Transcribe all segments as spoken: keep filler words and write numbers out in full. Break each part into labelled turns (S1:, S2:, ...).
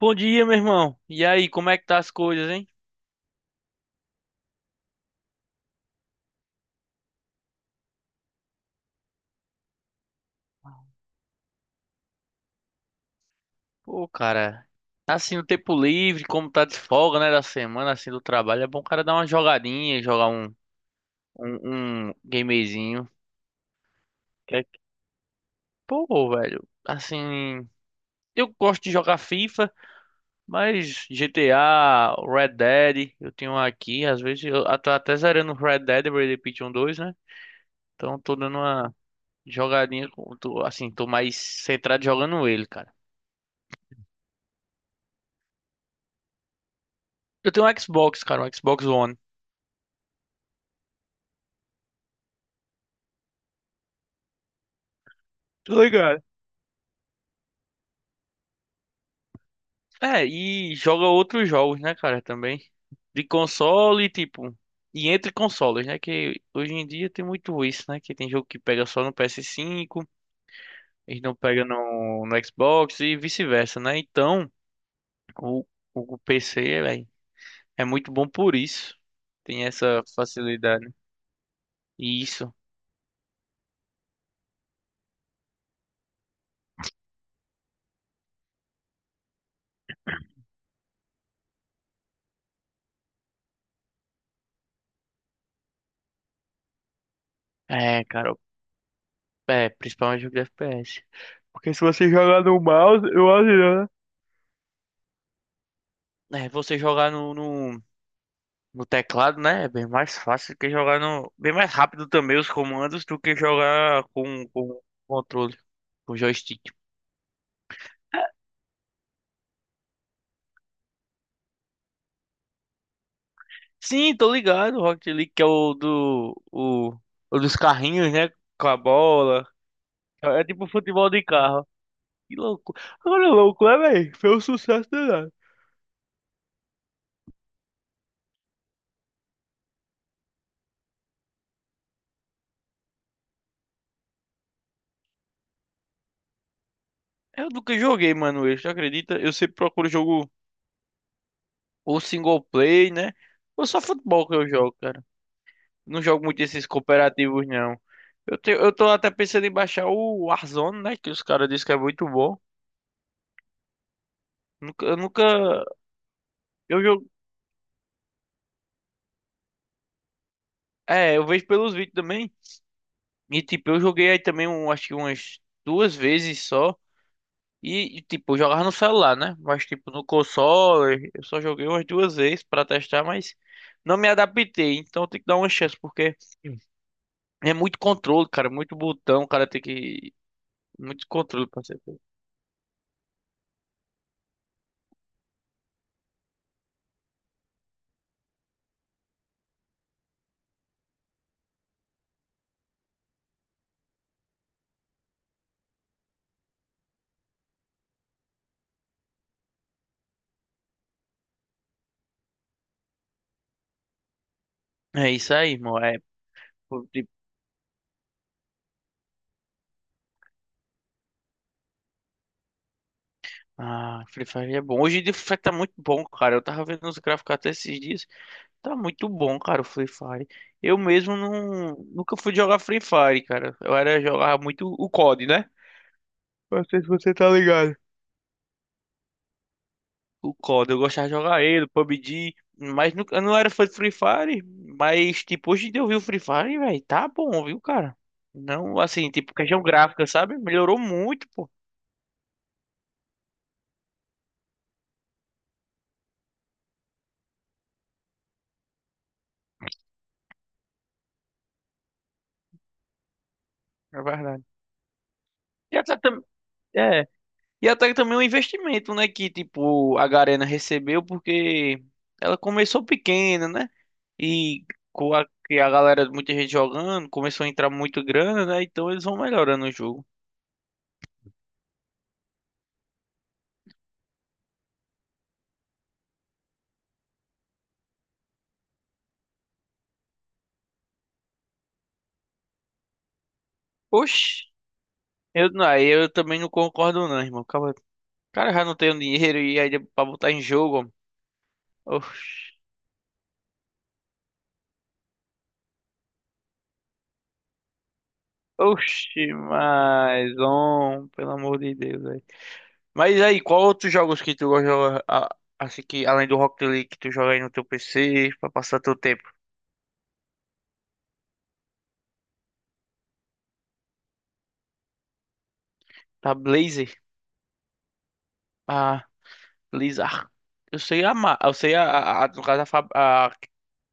S1: Bom dia, meu irmão. E aí, como é que tá as coisas, hein? Pô, cara, tá assim no tempo livre, como tá de folga, né, da semana, assim, do trabalho, é bom o cara dar uma jogadinha, jogar um, um, um gamezinho. Que é que- Pô, velho, assim, eu gosto de jogar FIFA, mas G T A, Red Dead, eu tenho um aqui, às vezes eu tô até zerando o Red Dead Redemption dois, né? Então tô dando uma jogadinha, com- tô, assim, tô mais centrado jogando ele, cara. Eu tenho um Xbox, cara, um Xbox One. Tô ligado. É, e joga outros jogos, né, cara, também. De console, tipo. E entre consoles, né? Que hoje em dia tem muito isso, né? Que tem jogo que pega só no P S cinco, eles não pegam no, no Xbox e vice-versa, né? Então, o, o P C, velho, é muito bom por isso. Tem essa facilidade. E isso. É, cara, é, principalmente jogo de F P S. Porque se você jogar no mouse, eu acho, né? É, você jogar no, no no teclado, né? É bem mais fácil do que jogar no. Bem mais rápido também os comandos do que jogar com, com controle, com joystick. Sim, tô ligado. O Rocket League, que é o do. O, o dos carrinhos, né? Com a bola. É tipo futebol de carro. Que louco. Agora é louco, né, velho? Foi um sucesso danado. Eu nunca joguei, mano. Isso, acredita? Eu sempre procuro jogo ou single play, né? Ou só futebol que eu jogo, cara. Não jogo muito esses cooperativos, não. Eu, te, eu tô até pensando em baixar o Warzone, né? Que os caras dizem que é muito bom. Nunca, eu nunca. Eu jogo. É, eu vejo pelos vídeos também. E tipo, eu joguei aí também, um, acho que umas duas vezes só. E, e, tipo, eu jogava no celular, né? Mas tipo, no console, eu só joguei umas duas vezes pra testar, mas não me adaptei. Então tem que dar uma chance, porque é muito controle, cara. Muito botão, o cara tem que. Muito controle pra ser. É isso aí, irmão. É. Ah, Free Fire é bom. Hoje em dia o Free Fire tá muito bom, cara. Eu tava vendo os gráficos até esses dias. Tá muito bom, cara, o Free Fire. Eu mesmo não, nunca fui jogar Free Fire, cara. Eu era jogar muito o cod, né? Não sei se você tá ligado. O cod, eu gostava de jogar ele, pabgue, mas nunca, eu não era fã de Free Fire, mas tipo, hoje em dia eu vi o Free Fire, velho, tá bom, viu, cara? Não, assim, tipo, questão gráfica, sabe? Melhorou muito, pô, é verdade. E essa também. E até que também um investimento, né? Que, tipo, a Garena recebeu porque ela começou pequena, né? E com a, que a galera, muita gente jogando, começou a entrar muito grana, né? Então eles vão melhorando o jogo. Oxi, eu, não, aí eu também não concordo não, irmão. Acaba- Cara, já não tenho dinheiro e aí pra botar em jogo, ó. Oxi, oxi, mas, homem, pelo amor de Deus, velho. Mas aí, qual outros jogos que tu gosta de jogar, a- assim que, além do Rocket League, que tu joga aí no teu P C, pra passar teu tempo? Da Blazer. Ah, Blizzard. Eu sei a, ma- eu sei a, a, a- no caso, a, fab- a,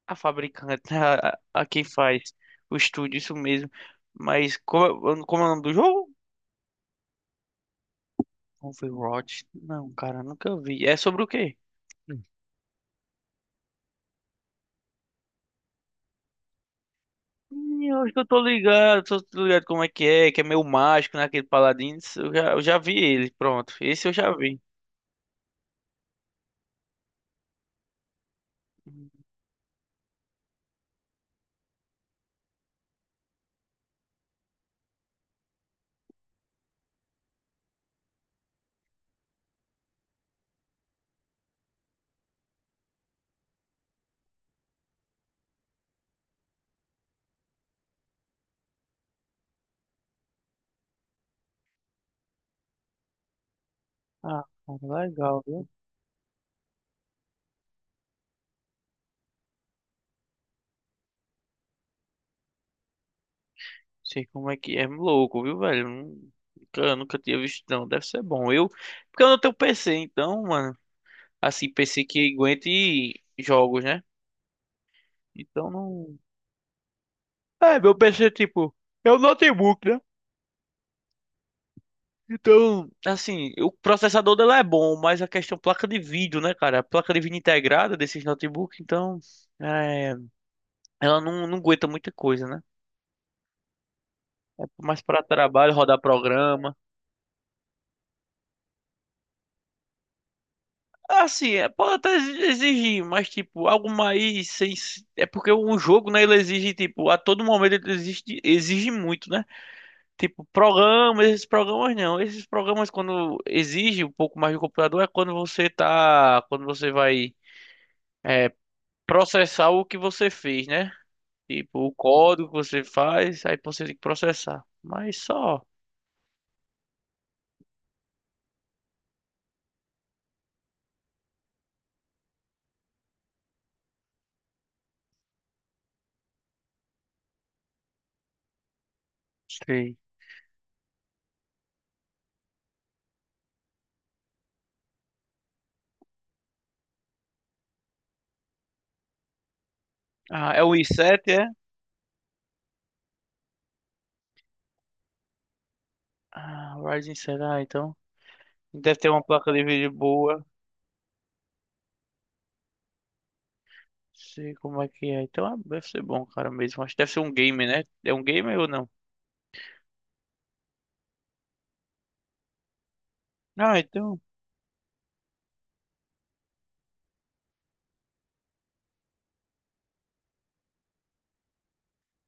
S1: a fabricante, né? a, a quem faz o estúdio, isso mesmo. Mas como, é- como é o nome do jogo? Overwatch? Não, cara, nunca vi. É sobre o quê? Hum. Hum, Eu acho que eu tô ligado, tô tô ligado como é que é, que é meio mágico, né? Aquele Paladins. Eu já, eu já vi ele, pronto. Esse eu já vi. Hum. Ah, cara, legal. Sei como é que é. É louco, viu, velho? Nun- Nunca, nunca tinha visto, não. Deve ser bom. Eu, porque eu não tenho P C, então, mano, assim, P C que aguente jogos, né? Então não. É, meu P C, tipo, é um notebook, né? Então, assim, o processador dela é bom, mas a questão placa de vídeo, né, cara? A placa de vídeo integrada desses notebooks, então, é, ela não, não aguenta muita coisa, né? É mais para trabalho, rodar programa. Assim, é, pode até exigir, mas tipo, algo mais sem. É porque um jogo, né, ele exige, tipo, a todo momento ele exige, exige muito, né? Tipo, programas, esses programas não. Esses programas, quando exige um pouco mais do computador, é quando você tá. Quando você vai é, processar o que você fez, né? Tipo, o código que você faz, aí você tem que processar. Mas só. Sei. Ah, é o i sete, é? Ah, Ryzen sete, ah, então. Deve ter uma placa de vídeo boa. Sei como é que é. Então, ah, deve ser bom, cara, mesmo. Acho que deve ser um game, né? É um game ou não? Ah, então.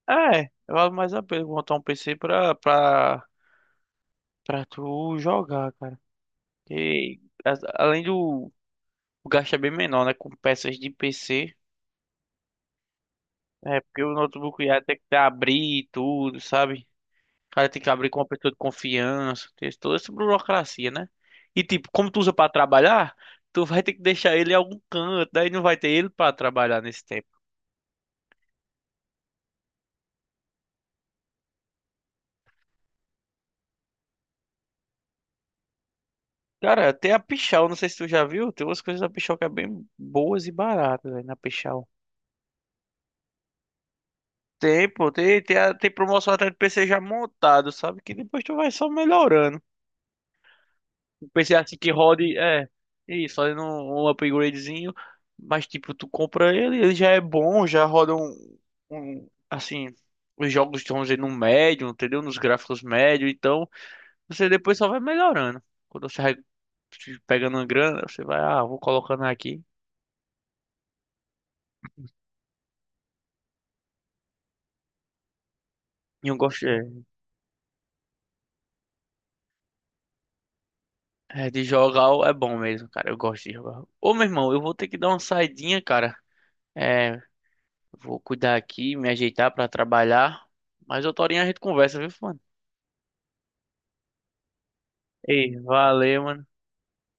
S1: É, vale mais a pena montar um P C pra, pra, pra tu jogar, cara. E as- além do. O gasto é bem menor, né? Com peças de P C. É, porque o notebook ia ter que abrir e tudo, sabe? O cara tem que abrir com uma pessoa de confiança. Tem toda essa burocracia, né? E tipo, como tu usa pra trabalhar, tu vai ter que deixar ele em algum canto. Daí não vai ter ele pra trabalhar nesse tempo. Cara, tem a Pichau, não sei se tu já viu, tem umas coisas da Pichau que é bem boas e baratas, velho, na Pichau. Tem, pô, tem, tem, a- tem promoção até de P C já montado, sabe? Que depois tu vai só melhorando. Um P C assim que rode, é, isso, fazendo um, um upgradezinho, mas tipo, tu compra ele, ele já é bom, já roda um, um assim, os jogos estão dizer, no médio, entendeu? Nos gráficos médio, então você depois só vai melhorando. Quando você vai pegando uma grana, você vai, ah, vou colocando aqui. E eu gosto. É, é, de jogar é bom mesmo, cara. Eu gosto de jogar. Ô, meu irmão, eu vou ter que dar uma saidinha, cara. É, vou cuidar aqui, me ajeitar pra trabalhar. Mas outra horinha a gente conversa, viu, mano? Ei, valeu, mano.